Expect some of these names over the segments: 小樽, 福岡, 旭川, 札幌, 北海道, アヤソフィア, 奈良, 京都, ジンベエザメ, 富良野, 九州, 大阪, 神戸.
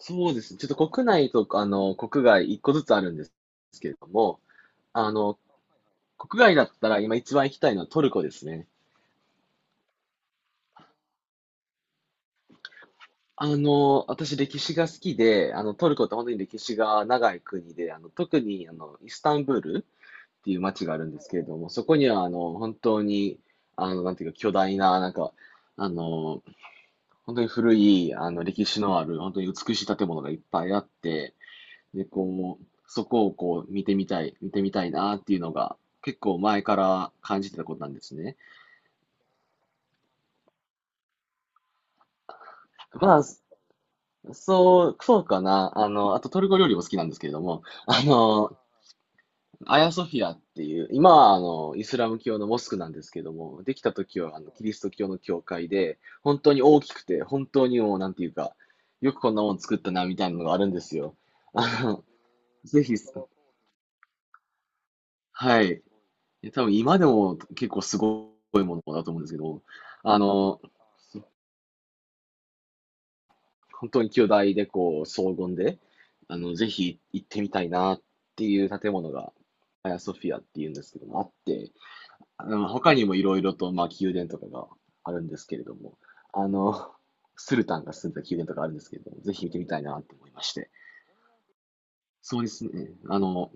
そうですね。ちょっと国内と国外一個ずつあるんですけれども、あの、国外だったら今一番行きたいのはトルコですね。私歴史が好きで、トルコって本当に歴史が長い国で、特にイスタンブールっていう街があるんですけれども、そこには本当に、なんていうか巨大な、なんか、あの、本当に古い、歴史のある、本当に美しい建物がいっぱいあって、で、こう、そこをこう見てみたいなっていうのが結構前から感じてたことなんですね。まあ、そうかな。あとトルコ料理も好きなんですけれども、アヤソフィアっていう、今はイスラム教のモスクなんですけども、できた時はキリスト教の教会で、本当に大きくて、本当にもう、なんていうか、よくこんなもん作ったなみたいなのがあるんですよ。あの、ぜひ、はい。多分今でも結構すごいものだと思うんですけど、あの、本当に兄弟でこう、荘厳で、ぜひ行ってみたいなっていう建物が、アヤソフィアっていうんですけども、あって、他にもいろいろと、まあ、宮殿とかがあるんですけれども、あの、スルタンが住んだ宮殿とかあるんですけれども、ぜひ行ってみたいなと思いまして。そうですね。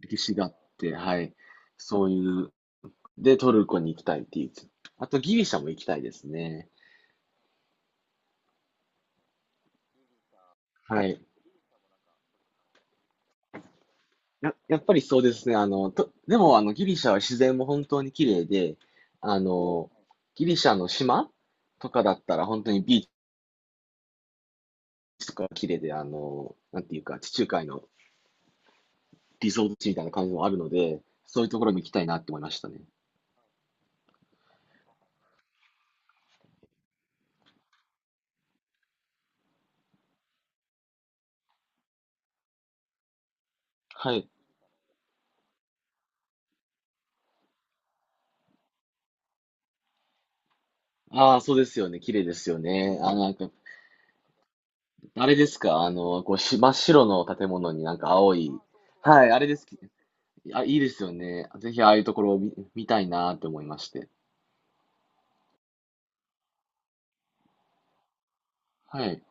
歴史があって、はい。そういう、で、トルコに行きたいっていう。あと、ギリシャも行きたいですね。はい。やっぱりそうですね。でも、ギリシャは自然も本当に綺麗で、あの、ギリシャの島とかだったら本当にビーチとか綺麗で、なんていうか、地中海のリゾート地みたいな感じもあるので、そういうところも行きたいなって思いましたね。はい。ああ、そうですよね。綺麗ですよね。あれですか、あの、こうし、真っ白の建物になんか青い。はい、あれです。あ、いいですよね。ぜひああいうところを見たいなって思いまして。はい。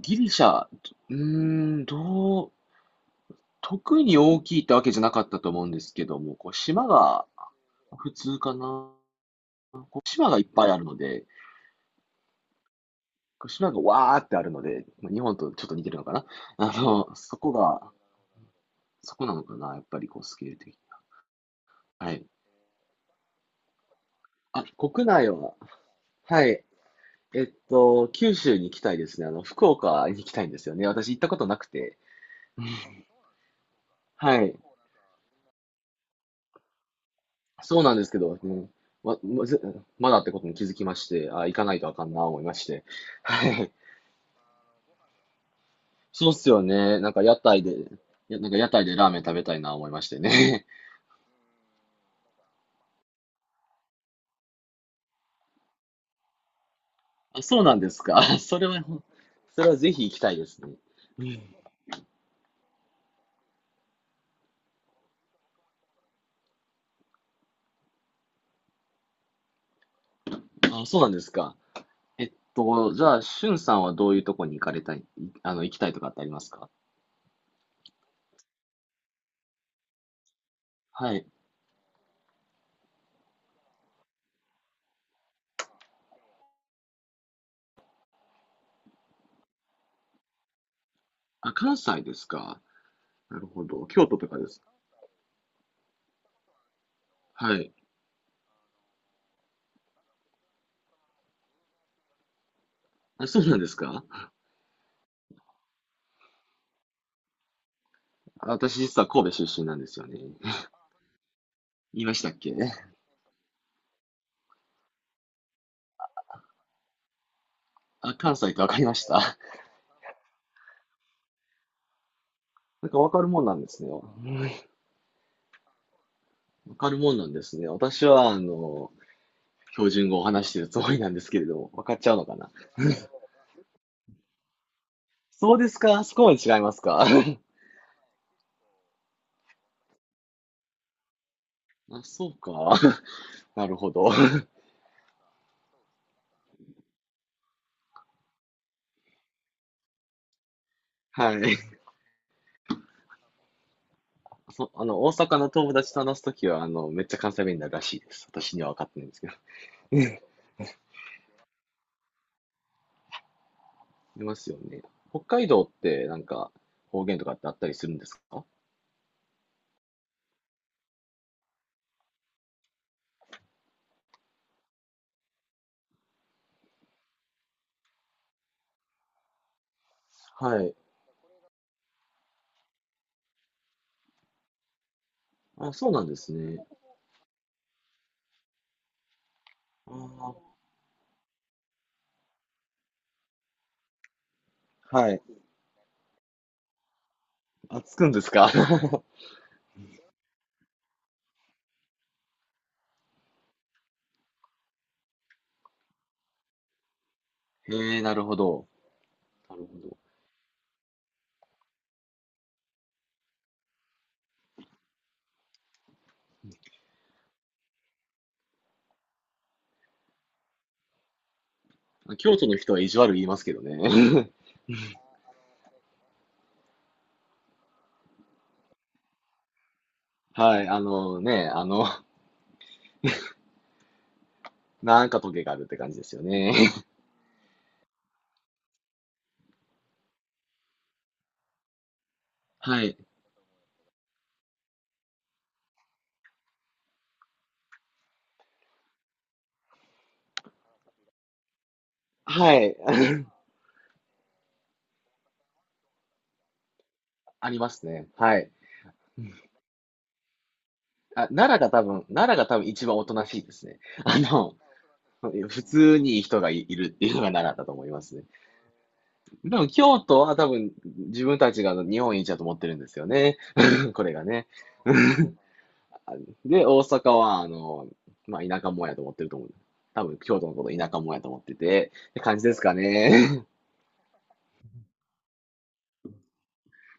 ギリシャ、うーん、特に大きいってわけじゃなかったと思うんですけども、こう島が普通かな。こう島がいっぱいあるので、こう島がわーってあるので、まあ日本とちょっと似てるのかな。あの、そこが、そこなのかな、やっぱりこうスケール的に。はい。あ、国内は、はい。えっと、九州に行きたいですね。福岡に行きたいんですよね。私行ったことなくて。はい。そうなんですけど、うん、ま、ま、ぜまだってことに気づきまして、あ、行かないとあかんな思いまして。はい。そうっすよね。なんか屋台で、やなんか屋台でラーメン食べたいな思いましてね。あ、そうなんですか。それは、それはぜひ行きたいですね。あ、そうなんですか。えっと、じゃあ、しゅんさんはどういうとこに行かれたい、あの、行きたいとかってありますか？はい。あ、関西ですか。なるほど。京都とかですか。はい。あ、そうなんですか。あ、私実は神戸出身なんですよね。言いましたっけ？あ、関西ってわかりました。なんかわかるもんなんですね。わかるもんなんですね。私は、標準語を話してるつもりなんですけれども、わかっちゃうのかな。そうですか、そこまで違いますか。あ、そうか。なるほど。はい。そ、あの、大阪の友達と話すときは、めっちゃ関西弁になるらしいです。私には分かってないんですけど。いますよね。北海道って、なんか、方言とかってあったりするんですか？はい。あ、そうなんですね。あー、はい。あ、つくんですか？ へえ、なるほど。なるほど。京都の人は意地悪言いますけどね。はい、あのね、あの、なんかトゲがあるって感じですよね。はい。はい。ありますね。はい。奈良が多分一番おとなしいですね。あの、普通にいるっていうのが奈良だと思いますね。でも京都は多分自分たちが日本一だと思ってるんですよね。これがね。で、大阪は、まあ、田舎もんやと思ってると思う。多分京都のこと田舎もんやと思ってて、って感じですかね。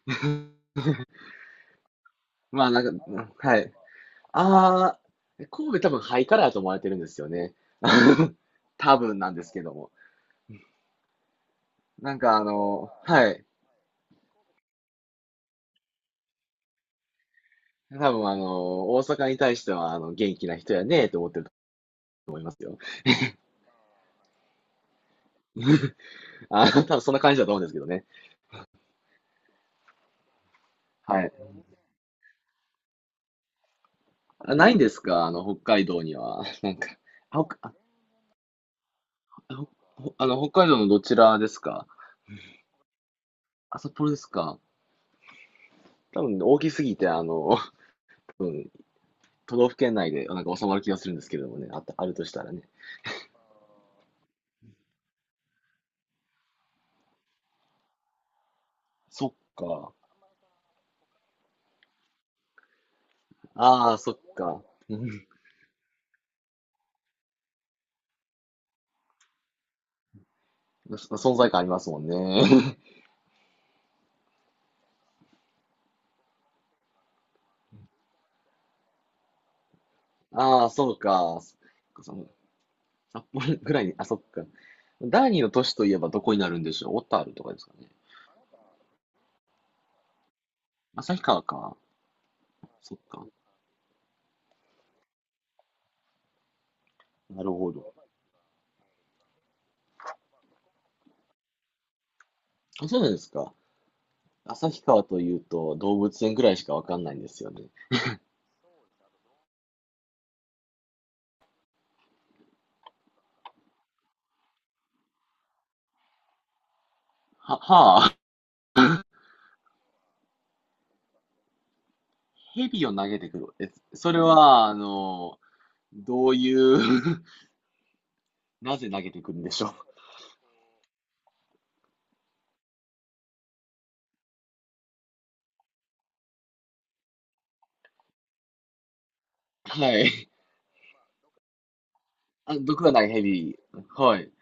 まあ、なんか、うん、はい。ああ、神戸多分ハイカラーと思われてるんですよね。多分なんですけども。なんかあの、はい。多分大阪に対してはあの元気な人やねと思ってると思うんですよ。多分そんな感じだと思うんですけどね。はい。あないんですかあの、北海道には。あ、ほあほほあの、北海道のどちらですか？あ、札幌ですか？多分大きすぎて、分都道府県内でなんか収まる気がするんですけどもね。あった、あるとしたらね。そっか。ああ、そっか。うん、存在感ありますもんね。ああ、そうか。そっかその札幌ぐらいに、あ、そっか。第二の都市といえばどこになるんでしょう。小樽とかですかね。旭川か。そっか。なるほど。あ、そうなんですか。旭川というと動物園ぐらいしかわかんないんですよね。はあ、蛇を投げてくる。え、それは、あの、どういう？ なぜ投げてくるんでしょう。はい。あ、毒がない蛇。はい。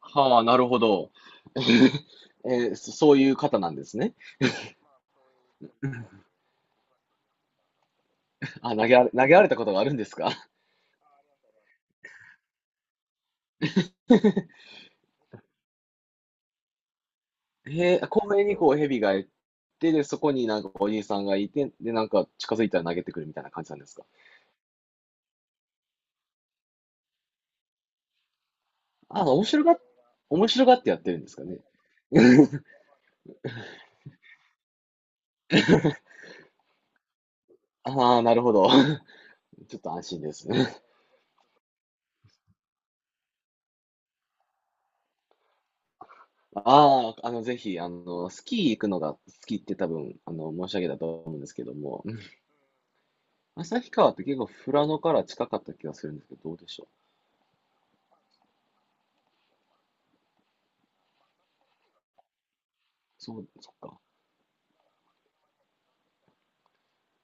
はあ、なるほど。えー、そういう方なんですね。投げられたことがあるんですか？ へえ、公園にこう蛇がいて、で、そこになんかおじいさんがいて、で、なんか近づいたら投げてくるみたいな感じなんですか？あ、面白が、面白がってやってるんですかね。ああ、なるほど。ちょっと安心ですね。ああ、あの、ぜひ、スキー行くのが好きって多分、申し上げたと思うんですけども、うん、旭川って結構富良野から近かった気がするんですけど、どうでしょう。そう、そっか。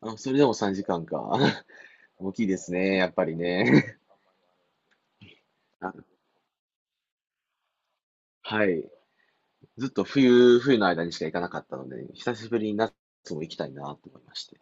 あ、それでも3時間かんか。大きいですね、やっぱりね。あ、はい。ずっと冬、冬の間にしか行かなかったので、久しぶりに夏も行きたいなと思いまして。